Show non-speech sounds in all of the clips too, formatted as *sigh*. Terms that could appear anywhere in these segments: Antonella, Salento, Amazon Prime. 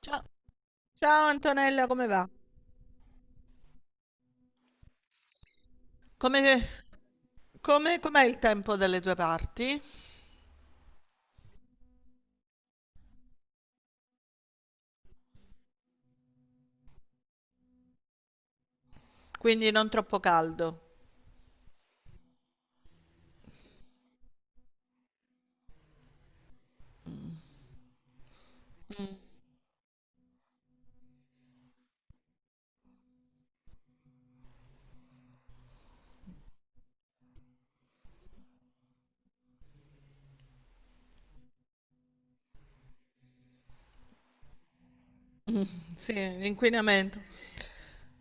Ciao, ciao Antonella, come va? Come, com'è il tempo dalle tue parti? Quindi non troppo caldo. Sì, l'inquinamento.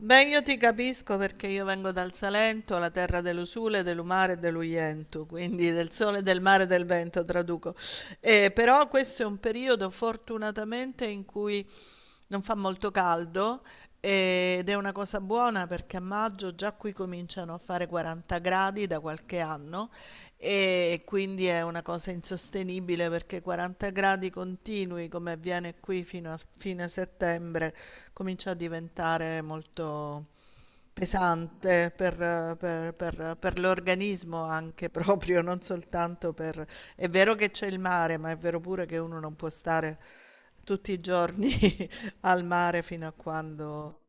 Beh, io ti capisco perché io vengo dal Salento, la terra dell'usule, dell'umare e dell'uientu, quindi del sole, del mare e del vento, traduco. Però questo è un periodo fortunatamente in cui non fa molto caldo, ed è una cosa buona perché a maggio già qui cominciano a fare 40 180 gradi da qualche anno e quindi è una cosa insostenibile perché 40 gradi continui come avviene qui fino a fine settembre comincia a diventare molto pesante per l'organismo anche *laughs* proprio, non soltanto per. È vero che c'è il mare, ma è vero pure che uno non può stare tutti i giorni *laughs* al mare fino a quando.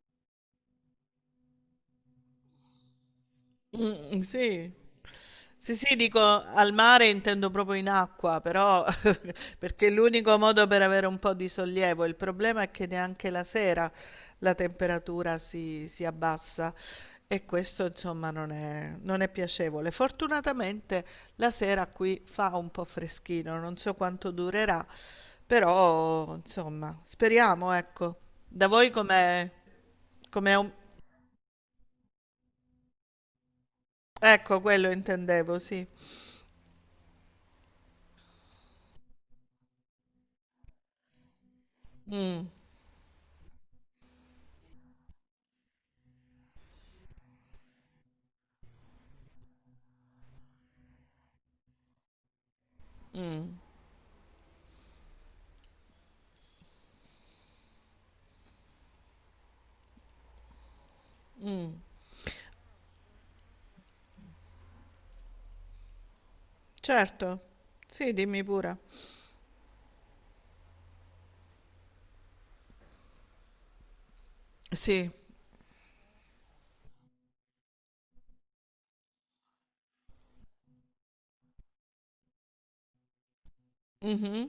Sì. Sì, sì, dico al mare intendo proprio in acqua, però *laughs* perché è l'unico modo per avere un po' di sollievo. Il problema è che neanche la sera la temperatura si abbassa e questo insomma non è piacevole. Fortunatamente la sera qui fa un po' freschino, non so quanto durerà, però insomma speriamo, ecco. Da voi com'è? Com'è un ecco quello intendevo, sì. Mh. Mh. Certo. Sì, dimmi pure. Sì. Mh-mh.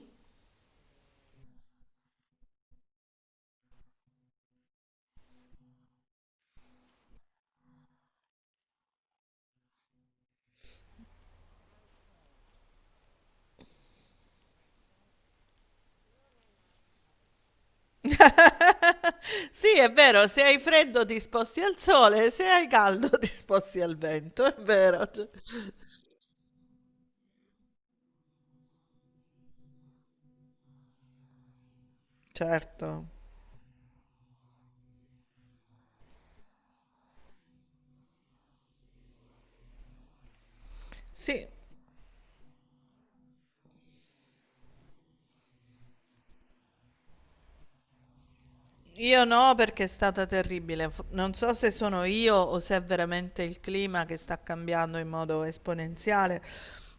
Sì, è vero, se hai freddo ti sposti al sole, se hai caldo *laughs* ti sposti al vento, è vero, cioè. Certo. Sì. Io no, perché è stata terribile. Non so se sono io o se è veramente il clima che sta cambiando in modo esponenziale,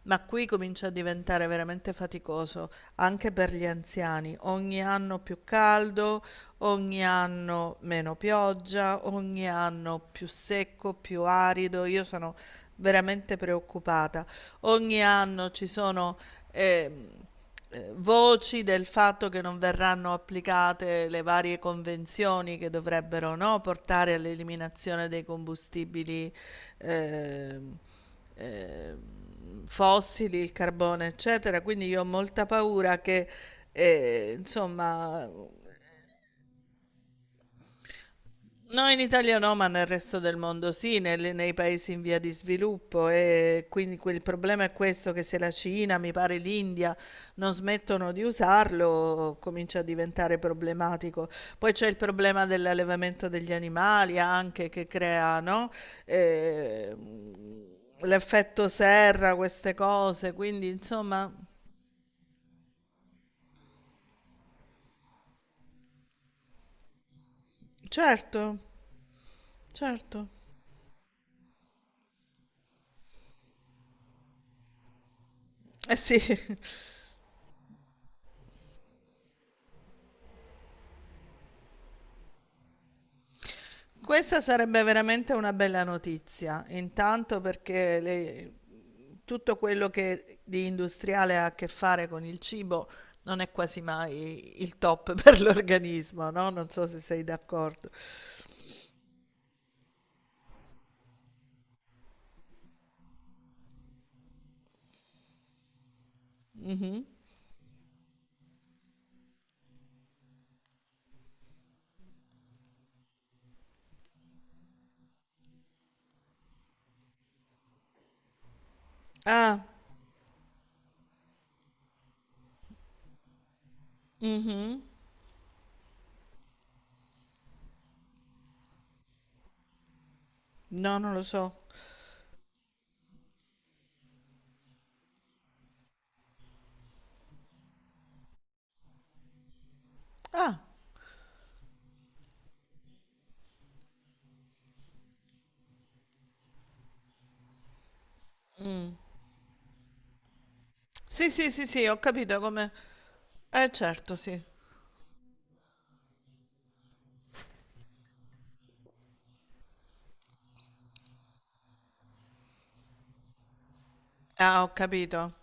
ma qui comincia a diventare veramente faticoso anche per gli anziani. Ogni anno più caldo, ogni anno meno pioggia, ogni anno più secco, più arido. Io sono veramente preoccupata. Ogni anno ci sono ehm, voci del fatto che non verranno applicate le varie convenzioni che dovrebbero, no, portare all'eliminazione dei combustibili ehm, ehm, fossili, il carbone, eccetera. Quindi io ho molta paura che, insomma. No, in Italia no, ma nel resto del mondo sì, nei paesi in via di sviluppo e quindi il problema è questo che se la Cina, mi pare l'India, non smettono di usarlo, comincia a diventare problematico. Poi c'è il problema dell'allevamento degli animali anche che crea, no? Eh, l'effetto serra, queste cose, quindi insomma, certo, certo. Eh sì. Questa sarebbe veramente una bella notizia, intanto perché tutto quello che di industriale ha a che fare con il cibo non è quasi mai il top *laughs* per l'organismo, no? Non so se sei d'accordo. Mhm. Ah, mhm. No, non lo so. Ah, sì, sì, sì, sì, ho capito come. Certo, sì. Ah, ho capito.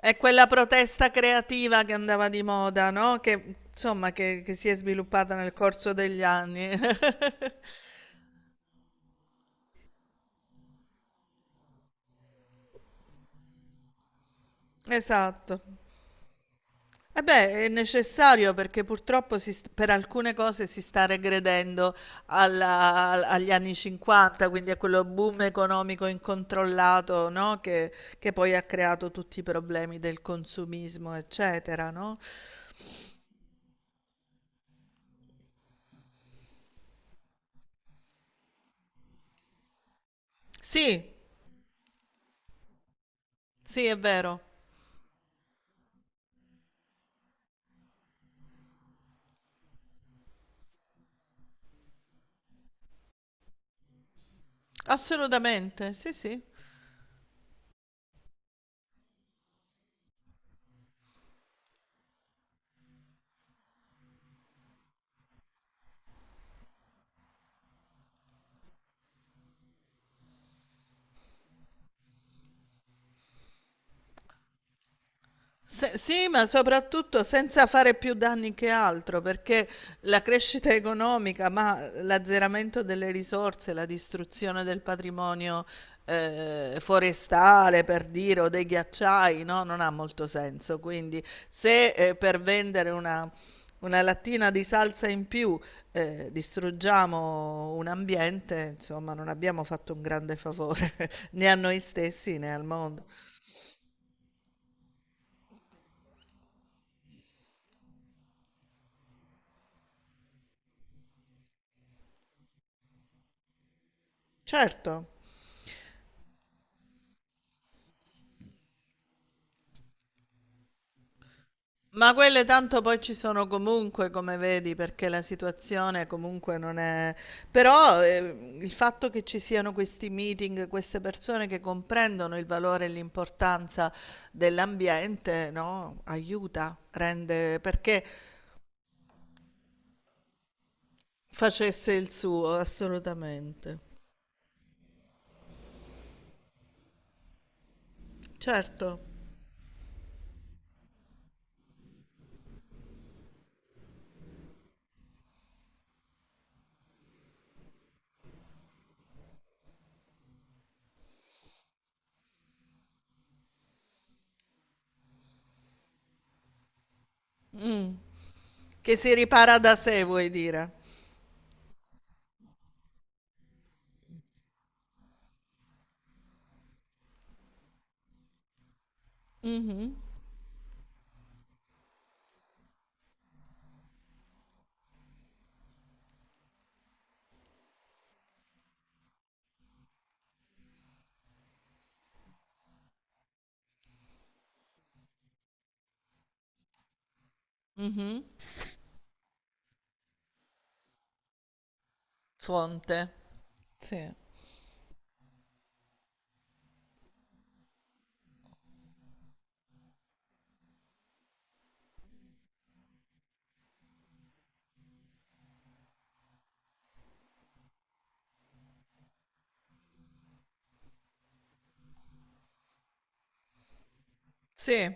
È quella protesta creativa che andava di moda, no? Che insomma, che si è sviluppata nel corso degli anni. *laughs* Esatto. E beh, è necessario perché purtroppo per alcune cose si sta regredendo agli anni 50, quindi a quello boom economico incontrollato, no? Che poi ha creato tutti i problemi del consumismo, eccetera, no? Sì, sì, è vero, assolutamente, sì, sì. Sì, ma soprattutto senza fare più danni che altro, perché la crescita economica, ma l'azzeramento delle risorse, la distruzione del patrimonio forestale, per dire, o dei ghiacciai, no? Non ha molto senso. Quindi, se per vendere una lattina di salsa in più distruggiamo un ambiente, insomma, non abbiamo fatto un grande favore *laughs* né a noi stessi né al mondo. Certo. Ma quelle tanto poi ci sono comunque, come vedi, perché la situazione comunque non è. Però il fatto che ci siano questi meeting, queste persone che comprendono il valore e l'importanza dell'ambiente, no? Aiuta, rende perché facesse il suo, assolutamente. Certo. Mm. Che si ripara da sé, vuoi dire? Mhm, mhm. Fonte. Sì. Sì,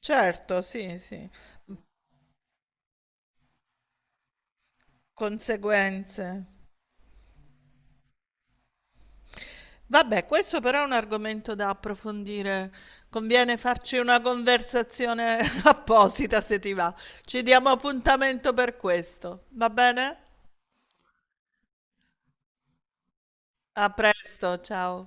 certo, sì, sì. Conseguenze. Vabbè, questo però è un argomento da approfondire. Conviene farci una conversazione *laughs* apposita se ti va. Ci diamo appuntamento per questo. Va bene? A presto, ciao.